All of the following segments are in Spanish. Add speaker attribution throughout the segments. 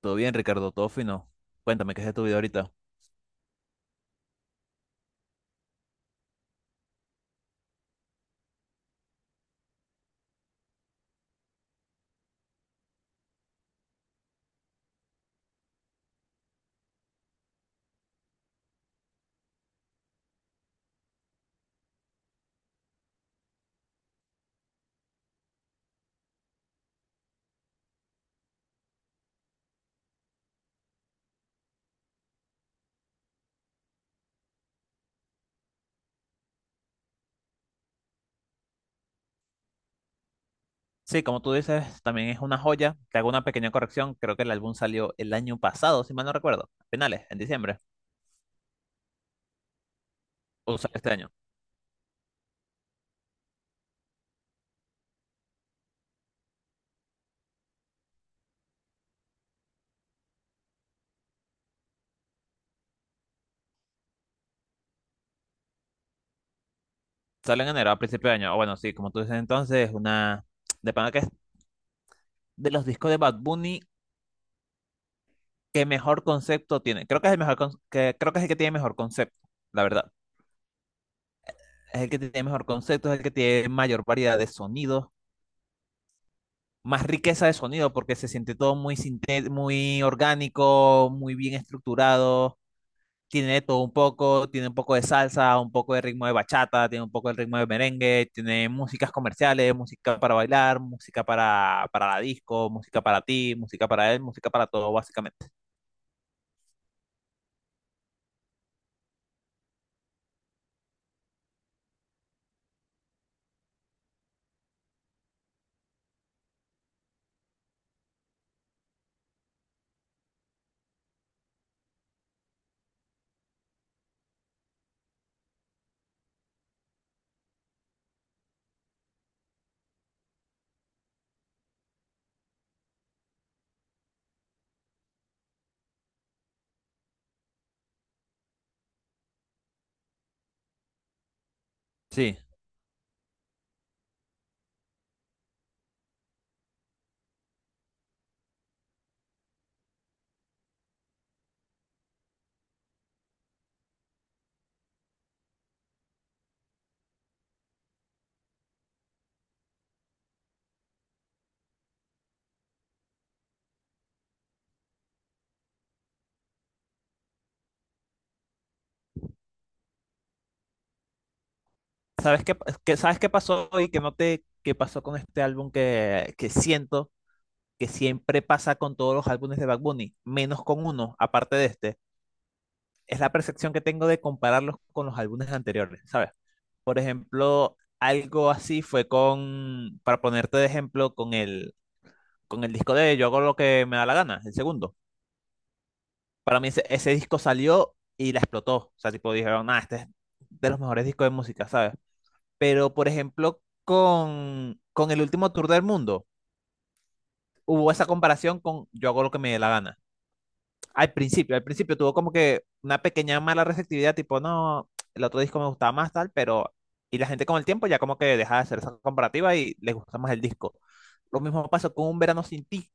Speaker 1: Todo bien, Ricardo, todo fino. Cuéntame, ¿qué es de tu vida ahorita? Sí, como tú dices, también es una joya. Te hago una pequeña corrección. Creo que el álbum salió el año pasado, si mal no recuerdo. A finales, en diciembre. O sale este año. Sale en enero, a principio de año. Ah, bueno, sí, como tú dices entonces, una... De pana que es de los discos de Bad Bunny, ¿qué mejor concepto tiene? Creo que es el mejor que... Creo que es el que tiene mejor concepto, la verdad. Es el que tiene mejor concepto, es el que tiene mayor variedad de sonidos, más riqueza de sonido porque se siente todo muy, muy orgánico, muy bien estructurado. Tiene de todo un poco, tiene un poco de salsa, un poco de ritmo de bachata, tiene un poco del ritmo de merengue, tiene músicas comerciales, música para bailar, música para la disco, música para ti, música para él, música para todo, básicamente. Sí. ¿Sabes qué pasó y qué noté qué pasó con este álbum que siento que siempre pasa con todos los álbumes de Bad Bunny, menos con uno, aparte de este? Es la percepción que tengo de compararlos con los álbumes anteriores, ¿sabes? Por ejemplo, algo así fue para ponerte de ejemplo, con el disco de Yo Hago Lo Que Me Da La Gana, el segundo. Para mí ese disco salió y la explotó. O sea, tipo dijeron, ah, este es de los mejores discos de música, ¿sabes? Pero, por ejemplo, con el último tour del mundo, hubo esa comparación con Yo Hago Lo Que Me Dé La Gana. Al principio tuvo como que una pequeña mala receptividad, tipo, no, el otro disco me gustaba más tal, pero... Y la gente con el tiempo ya como que deja de hacer esa comparativa y les gusta más el disco. Lo mismo pasó con Un Verano Sin Ti,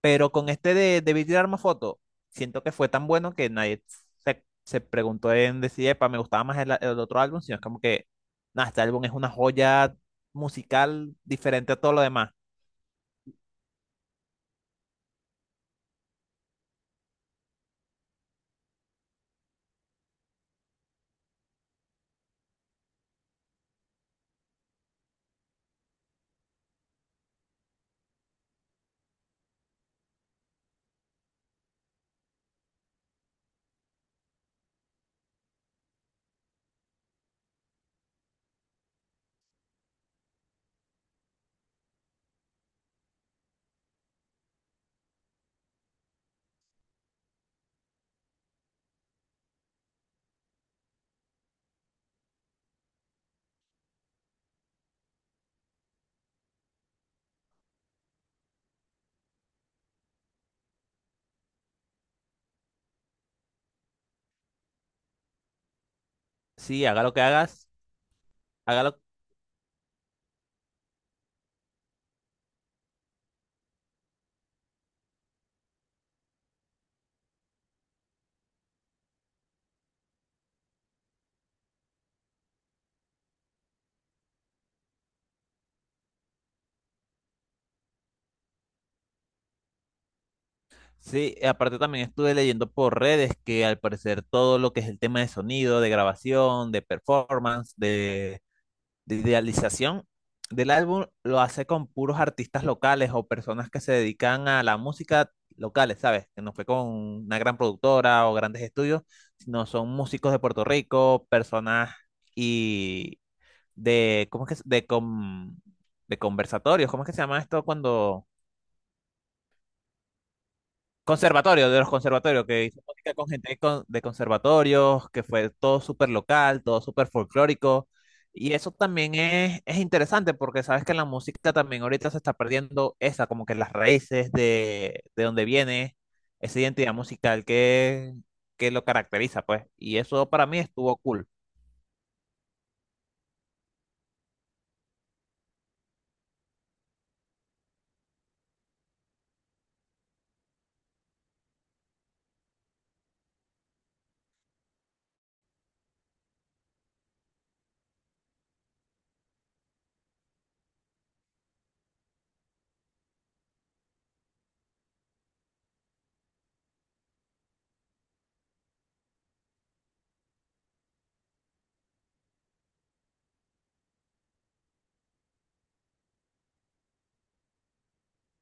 Speaker 1: pero con este de Beat y Arma Foto, siento que fue tan bueno que nadie se preguntó en decir, epa, me gustaba más el otro álbum, sino es como que, nada, este álbum es una joya musical diferente a todo lo demás. Sí, haga lo que hagas, haga lo. Sí, y aparte también estuve leyendo por redes que al parecer todo lo que es el tema de sonido, de grabación, de performance, de idealización del álbum lo hace con puros artistas locales o personas que se dedican a la música locales, ¿sabes? Que no fue con una gran productora o grandes estudios, sino son músicos de Puerto Rico, personas y de, ¿cómo es que, de conversatorios, ¿cómo es que se llama esto cuando? Conservatorio, de los conservatorios, que hice música con gente de conservatorios, que fue todo súper local, todo súper folclórico. Y eso también es interesante porque sabes que la música también ahorita se está perdiendo esa, como que las raíces de donde viene esa identidad musical que lo caracteriza, pues. Y eso para mí estuvo cool.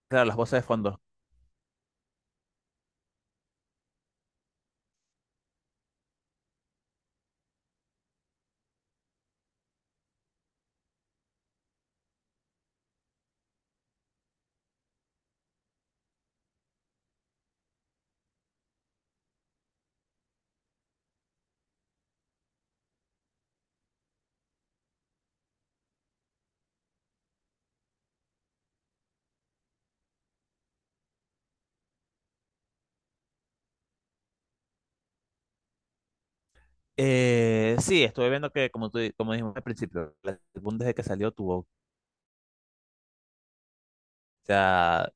Speaker 1: Claro, las voces de fondo. Sí, estuve viendo que, como tú, como dijimos al principio, el álbum desde que salió tuvo, o sea,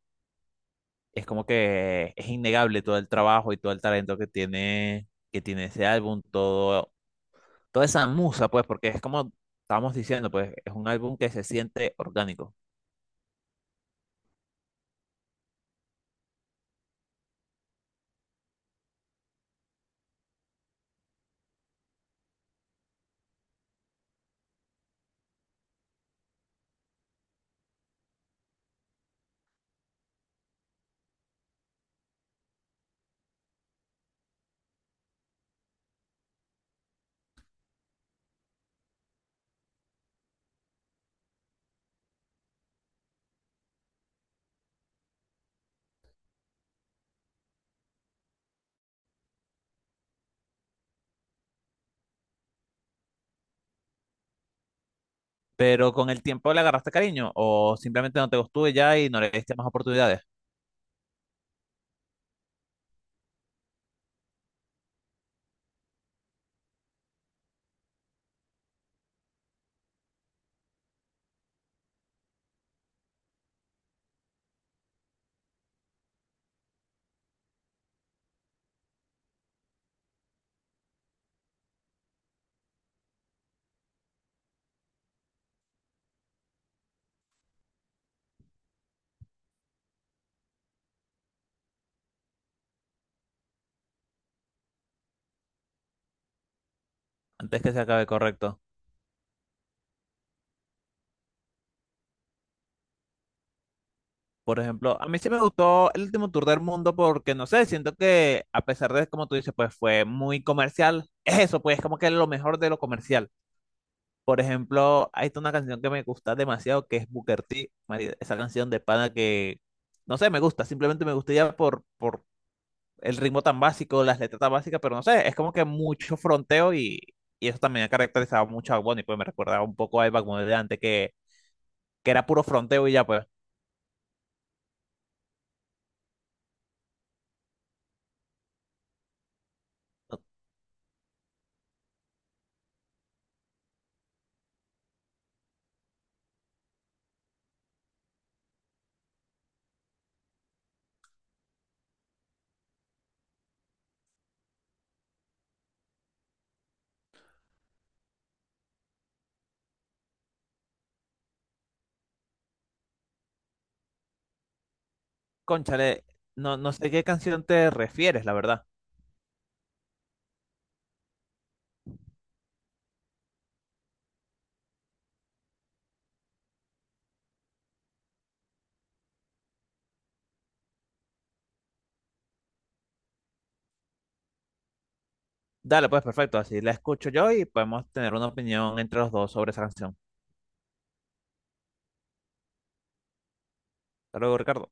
Speaker 1: es como que es innegable todo el trabajo y todo el talento que tiene ese álbum, todo, toda esa musa, pues, porque es como estábamos diciendo, pues, es un álbum que se siente orgánico. Pero con el tiempo le agarraste cariño o simplemente no te gustó y ya y no le diste más oportunidades. Antes que se acabe, correcto. Por ejemplo, a mí sí me gustó el último tour del mundo porque, no sé, siento que a pesar de, como tú dices, pues fue muy comercial, es eso, pues como que lo mejor de lo comercial. Por ejemplo, hay una canción que me gusta demasiado que es Booker T. Esa canción de pana no sé, me gusta. Simplemente me gusta ya por el ritmo tan básico, las letras tan básicas, pero no sé, es como que mucho fronteo y eso también ha caracterizado mucho a Bad Bunny, pues me recordaba un poco a Bad Bunny de antes que era puro fronteo y ya pues. Cónchale, no, no sé qué canción te refieres, la verdad. Dale, pues perfecto, así la escucho yo y podemos tener una opinión entre los dos sobre esa canción. Hasta luego, Ricardo.